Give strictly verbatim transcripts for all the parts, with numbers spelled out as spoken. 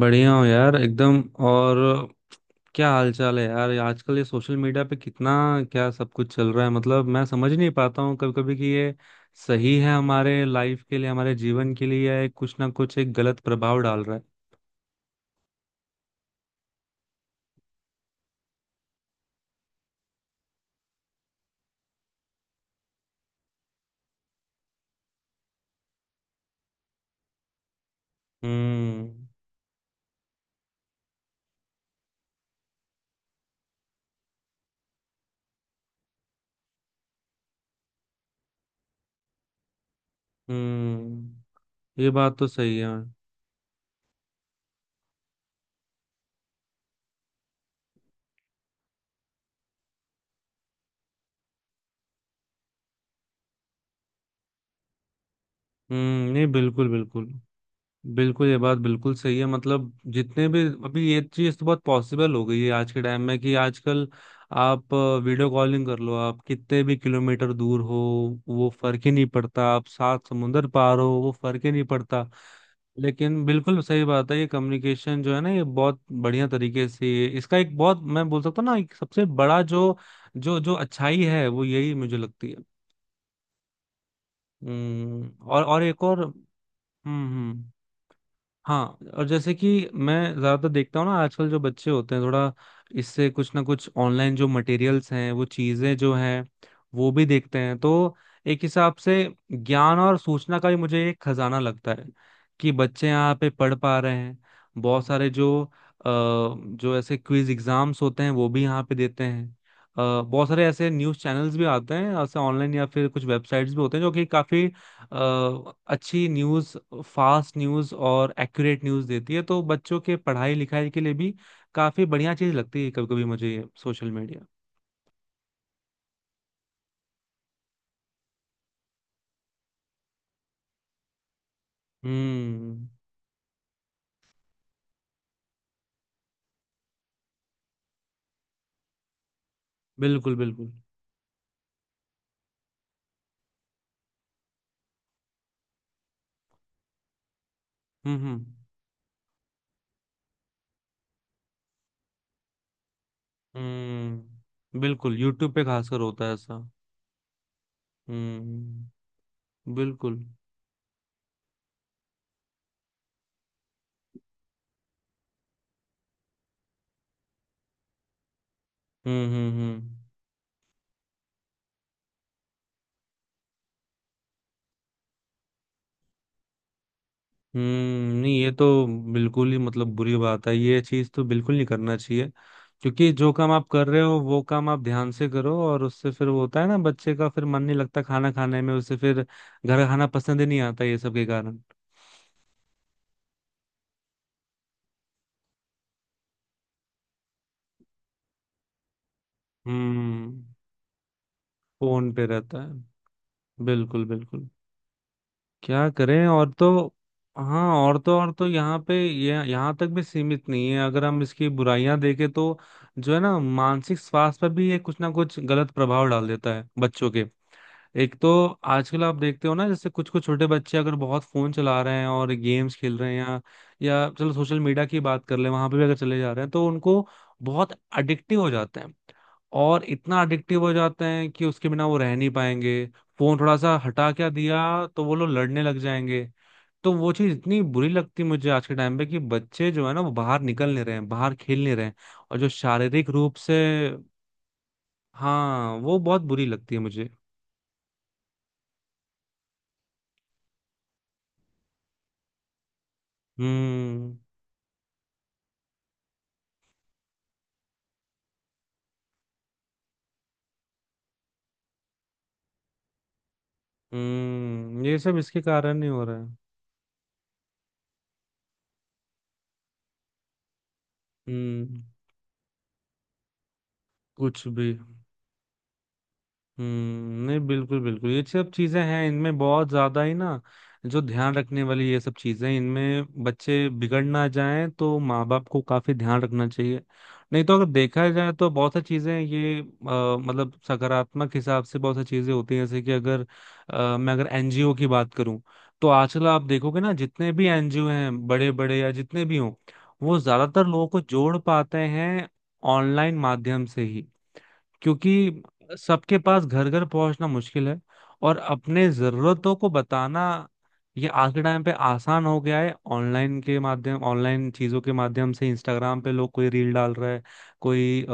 बढ़िया हूँ यार एकदम। और क्या हाल चाल है यार, ये आजकल ये सोशल मीडिया पे कितना क्या सब कुछ चल रहा है। मतलब मैं समझ नहीं पाता हूँ कभी कभी कि ये सही है हमारे लाइफ के लिए हमारे जीवन के लिए या ये कुछ ना कुछ एक गलत प्रभाव डाल रहा है। हम्म। हम्म, ये बात तो सही है। हम्म, नहीं बिल्कुल बिल्कुल। बिल्कुल ये बात बिल्कुल सही है मतलब जितने भी अभी ये चीज तो बहुत पॉसिबल हो गई है आज के टाइम में कि आजकल आप वीडियो कॉलिंग कर लो आप कितने भी किलोमीटर दूर हो। वो फर्क ही नहीं पड़ता, आप सात समुंदर पार हो, वो फर्क ही नहीं पड़ता। लेकिन बिल्कुल सही बात है, ये कम्युनिकेशन जो है ना ये बहुत बढ़िया तरीके से इसका एक बहुत मैं बोल सकता हूँ ना एक सबसे बड़ा जो जो जो अच्छाई है वो यही मुझे लगती है। हम्म। और और एक और। हम्म। हम्म। हाँ, और जैसे कि मैं ज्यादातर देखता हूँ ना आजकल जो बच्चे होते हैं थोड़ा इससे कुछ ना कुछ ऑनलाइन जो मटेरियल्स हैं वो चीजें जो हैं वो भी देखते हैं। तो एक हिसाब से ज्ञान और सूचना का भी मुझे एक खजाना लगता है कि बच्चे यहाँ पे पढ़ पा रहे हैं। बहुत सारे जो अ, जो ऐसे क्विज एग्जाम्स होते हैं वो भी यहाँ पे देते हैं। अ, बहुत सारे ऐसे न्यूज़ चैनल्स भी आते हैं ऐसे ऑनलाइन या फिर कुछ वेबसाइट्स भी होते हैं जो कि काफी अ, अच्छी न्यूज़, फास्ट न्यूज़ और एक्यूरेट न्यूज़ देती है। तो बच्चों के पढ़ाई लिखाई के लिए भी काफ़ी बढ़िया चीज़ लगती है कभी कभी मुझे ये सोशल मीडिया। हम्म, बिल्कुल बिल्कुल। हम्म। हम्म। हम्म, बिल्कुल, यूट्यूब पे खासकर होता है ऐसा। हम्म। बिल्कुल। हम्म। हम्म। हम्म। हम्म, नहीं ये तो बिल्कुल ही मतलब बुरी बात है, ये चीज तो बिल्कुल नहीं करना चाहिए। क्योंकि जो काम आप कर रहे हो वो काम आप ध्यान से करो और उससे फिर वो होता है ना बच्चे का फिर मन नहीं लगता खाना खाने में, उससे फिर घर का खाना पसंद ही नहीं आता ये सब के कारण। हम्म। फोन पे रहता है, बिल्कुल बिल्कुल। क्या करें। और तो हाँ, और तो और तो यहाँ पे ये यहाँ तक भी सीमित नहीं है अगर हम इसकी बुराइयां देखें तो जो है ना मानसिक स्वास्थ्य पर भी ये कुछ ना कुछ गलत प्रभाव डाल देता है बच्चों के। एक तो आजकल आप देखते हो ना जैसे कुछ कुछ छोटे बच्चे अगर बहुत फोन चला रहे हैं और गेम्स खेल रहे हैं, या या चलो सोशल मीडिया की बात कर ले, वहां पे भी अगर चले जा रहे हैं तो उनको बहुत अडिक्टिव हो जाते हैं। और इतना अडिक्टिव हो जाते हैं कि उसके बिना वो रह नहीं पाएंगे। फोन थोड़ा सा हटा क्या दिया तो वो लोग लड़ने लग जाएंगे। तो वो चीज इतनी बुरी लगती है मुझे आज के टाइम पे कि बच्चे जो है ना वो बाहर निकल नहीं रहे हैं बाहर खेल नहीं रहे हैं। और जो शारीरिक रूप से हाँ, वो बहुत बुरी लगती है मुझे। हम्म। हम्म, ये सब इसके कारण ही हो रहा है। हम्म, कुछ भी। हम्म, नहीं बिल्कुल बिल्कुल, ये सब चीजें हैं इनमें बहुत ज्यादा ही ना जो ध्यान रखने वाली ये सब चीजें इनमें बच्चे बिगड़ ना जाएं तो माँ बाप को काफी ध्यान रखना चाहिए। नहीं तो अगर देखा जाए तो बहुत सारी चीजें ये अ, मतलब सकारात्मक हिसाब से बहुत सारी चीजें होती हैं जैसे कि अगर अ, मैं अगर एन जी ओ की बात करूं तो आजकल आप देखोगे ना जितने भी एन जी ओ हैं बड़े बड़े या जितने भी हों वो ज्यादातर लोगों को जोड़ पाते हैं ऑनलाइन माध्यम से ही, क्योंकि सबके पास घर घर पहुंचना मुश्किल है। और अपने जरूरतों को बताना ये आज के टाइम पे आसान हो गया है, ऑनलाइन के माध्यम, ऑनलाइन चीजों के माध्यम से इंस्टाग्राम पे लोग कोई रील डाल रहा है। कोई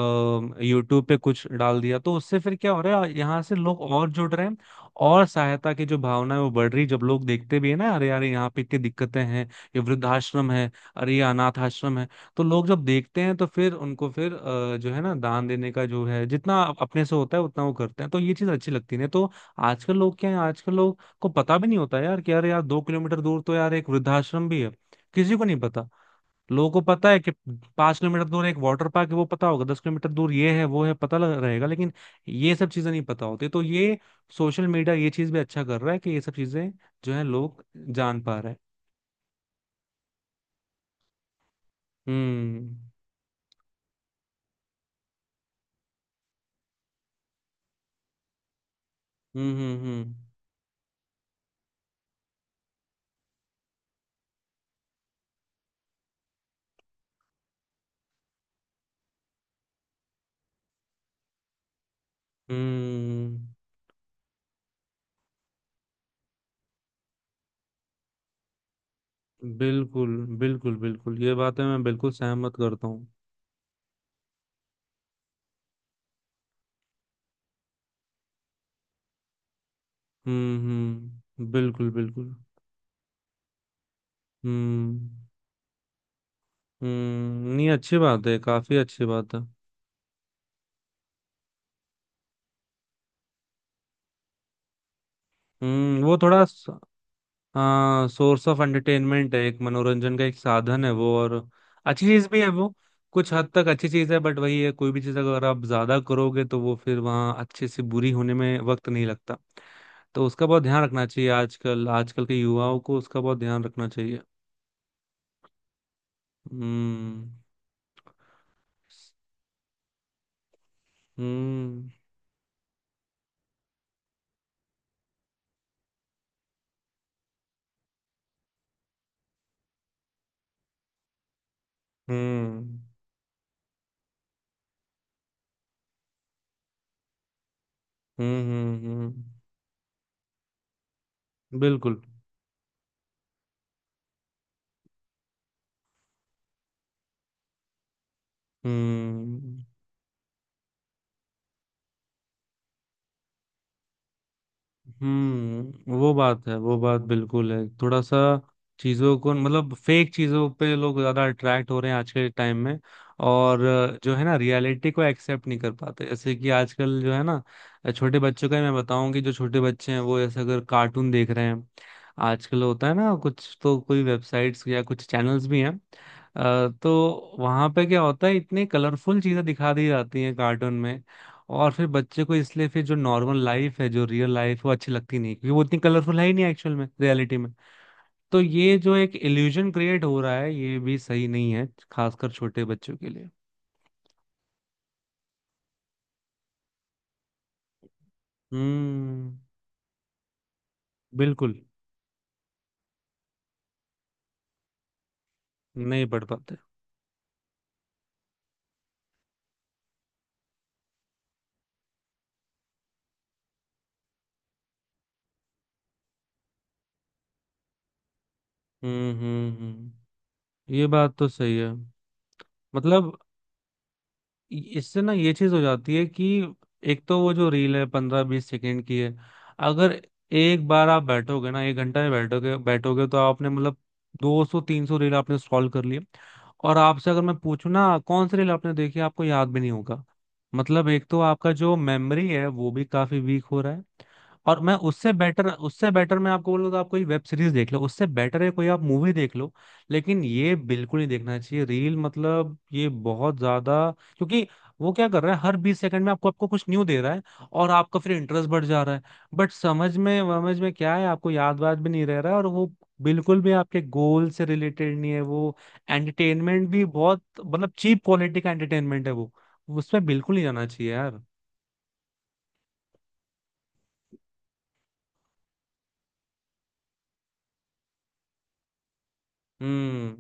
यूट्यूब पे कुछ डाल दिया तो उससे फिर क्या हो रहा है यहाँ से लोग और जुड़ रहे हैं। और सहायता की जो भावना है वो बढ़ रही है। जब लोग देखते भी है ना, अरे यार यहाँ पे इतनी दिक्कतें हैं, ये वृद्धाश्रम है, अरे ये अनाथ आश्रम है। तो लोग जब देखते हैं तो फिर उनको फिर अ, जो है ना दान देने का जो है जितना अप- अपने से होता है उतना वो करते हैं तो ये चीज अच्छी लगती है। नहीं तो आजकल लोग क्या है, आजकल लोग को पता भी नहीं होता यार, कि यार यार दो किलोमीटर दूर तो यार एक वृद्धाश्रम भी है। किसी को नहीं पता। लोगों को पता है कि पांच किलोमीटर दूर एक वाटर पार्क है वो पता होगा, दस किलोमीटर दूर ये है वो है पता लग रहेगा, लेकिन ये सब चीजें नहीं पता होती। तो ये सोशल मीडिया ये चीज भी अच्छा कर रहा है कि ये सब चीजें जो है लोग जान पा रहे हैं। हम्म। हम्म। हम्म। हम्म। हम्म, बिल्कुल बिल्कुल बिल्कुल, ये बातें मैं बिल्कुल सहमत करता हूँ। हम्म। हम्म, बिल्कुल बिल्कुल। हम्म। हम्म, नहीं अच्छी बात है, काफी अच्छी बात है। हम्म, वो थोड़ा स- हाँ, सोर्स ऑफ एंटरटेनमेंट है, एक मनोरंजन का एक साधन है वो, और अच्छी चीज भी है वो। कुछ हद तक अच्छी चीज है बट वही है, कोई भी चीज अगर आप ज्यादा करोगे तो वो फिर वहाँ अच्छे से बुरी होने में वक्त नहीं लगता। तो उसका बहुत ध्यान रखना चाहिए, आजकल आजकल के युवाओं को उसका बहुत ध्यान रखना चाहिए। हम्म। हम्म। हम्म। हम्म। हम्म। हम्म, बिल्कुल। हम्म। हम्म, वो बात है वो बात बिल्कुल है, थोड़ा सा चीजों को मतलब फेक चीजों पे लोग ज्यादा अट्रैक्ट हो रहे हैं आज के टाइम में। और अ, जो है ना रियलिटी को एक्सेप्ट नहीं कर पाते, जैसे कि आजकल जो है ना छोटे बच्चों का ही मैं बताऊं कि जो छोटे बच्चे हैं वो ऐसे अगर कार्टून देख रहे हैं। आजकल होता है ना, कुछ तो कोई वेबसाइट्स या कुछ चैनल्स भी हैं। अ, तो वहां पे क्या होता है इतने कलरफुल चीजें दिखा दी जाती हैं कार्टून में। और फिर बच्चे को इसलिए फिर जो नॉर्मल लाइफ है, जो रियल लाइफ, वो अच्छी लगती नहीं क्योंकि वो इतनी कलरफुल है ही नहीं एक्चुअल में रियलिटी में। तो ये जो एक इल्यूजन क्रिएट हो रहा है ये भी सही नहीं है खासकर छोटे बच्चों के लिए। हम्म। बिल्कुल, नहीं पढ़ पाते। हम्म। हम्म। हम्म। ये बात तो सही है। मतलब इससे ना ये चीज हो जाती है कि एक तो वो जो रील है पंद्रह बीस सेकंड की है। अगर एक बार आप बैठोगे ना, एक घंटा में बैठोगे बैठोगे तो आपने मतलब दो सौ तीन सौ रील आपने स्क्रॉल कर लिए। और आपसे अगर मैं पूछूं ना कौन सी रील आपने देखी आपको याद भी नहीं होगा। मतलब एक तो आपका जो मेमोरी है वो भी काफी वीक हो रहा है। और मैं उससे बेटर उससे बेटर मैं आपको बोलूँ तो आप कोई वेब सीरीज देख लो, उससे बेटर है कोई आप मूवी देख लो। लेकिन ये बिल्कुल नहीं देखना चाहिए रील मतलब ये बहुत ज्यादा, क्योंकि वो क्या कर रहा है हर बीस सेकंड में आपको आपको कुछ न्यू दे रहा है। और आपका फिर इंटरेस्ट बढ़ जा रहा है। बट समझ में समझ में क्या है, आपको याद वाद भी नहीं रह रहा है और वो बिल्कुल भी आपके गोल से रिलेटेड नहीं है वो। एंटरटेनमेंट भी बहुत मतलब चीप क्वालिटी का एंटरटेनमेंट है वो। उसमें बिल्कुल नहीं जाना चाहिए यार। हम्म।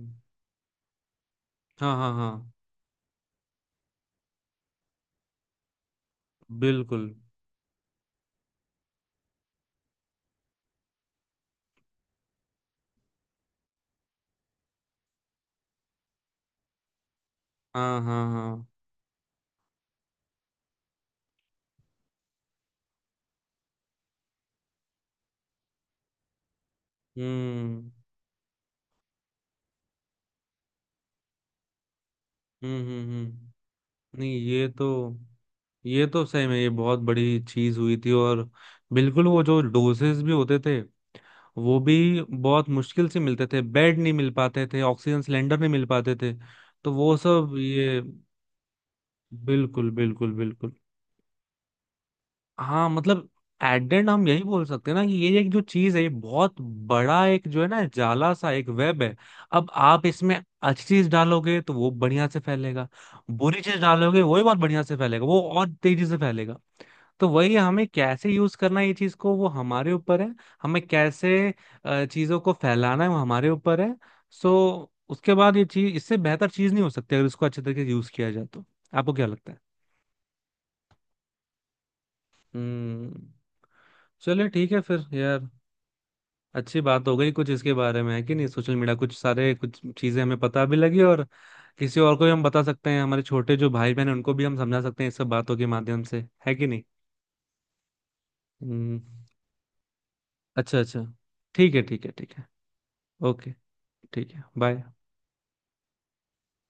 हाँ हाँ हाँ। बिल्कुल। हाँ हाँ हाँ। हम्म। हम्म। हम्म। हम्म, नहीं ये तो ये तो सही में ये बहुत बड़ी चीज हुई थी और बिल्कुल वो जो डोजेस भी होते थे वो भी बहुत मुश्किल से मिलते थे, बेड नहीं मिल पाते थे, ऑक्सीजन सिलेंडर नहीं मिल पाते थे। तो वो सब ये, बिल्कुल बिल्कुल बिल्कुल। हाँ, मतलब एट हम यही बोल सकते हैं ना कि ये एक जो चीज है ये बहुत बड़ा एक जो है ना, जाला सा एक वेब है। अब आप इसमें अच्छी चीज डालोगे तो वो बढ़िया से फैलेगा, बुरी चीज डालोगे वो भी बहुत बढ़िया से फैलेगा, वो और तेजी से फैलेगा। तो वही है, हमें कैसे यूज करना है ये चीज को वो हमारे ऊपर है। हमें कैसे अ, चीजों को फैलाना है वो हमारे ऊपर है। सो उसके बाद ये चीज, इससे बेहतर चीज नहीं हो सकती अगर इसको अच्छे तरीके से यूज किया जाए तो। आपको क्या लगता है? हम्म। चलिए ठीक है फिर यार, अच्छी बात हो गई कुछ इसके बारे में, है कि नहीं। सोशल मीडिया कुछ सारे कुछ चीजें हमें पता भी लगी और किसी और को भी हम बता सकते हैं, हमारे छोटे जो भाई बहन हैं उनको भी हम समझा सकते हैं इस सब बातों के माध्यम से, है कि नहीं। हम्म। अच्छा अच्छा। ठीक है ठीक है ठीक है। ओके। ठीक है, बाय।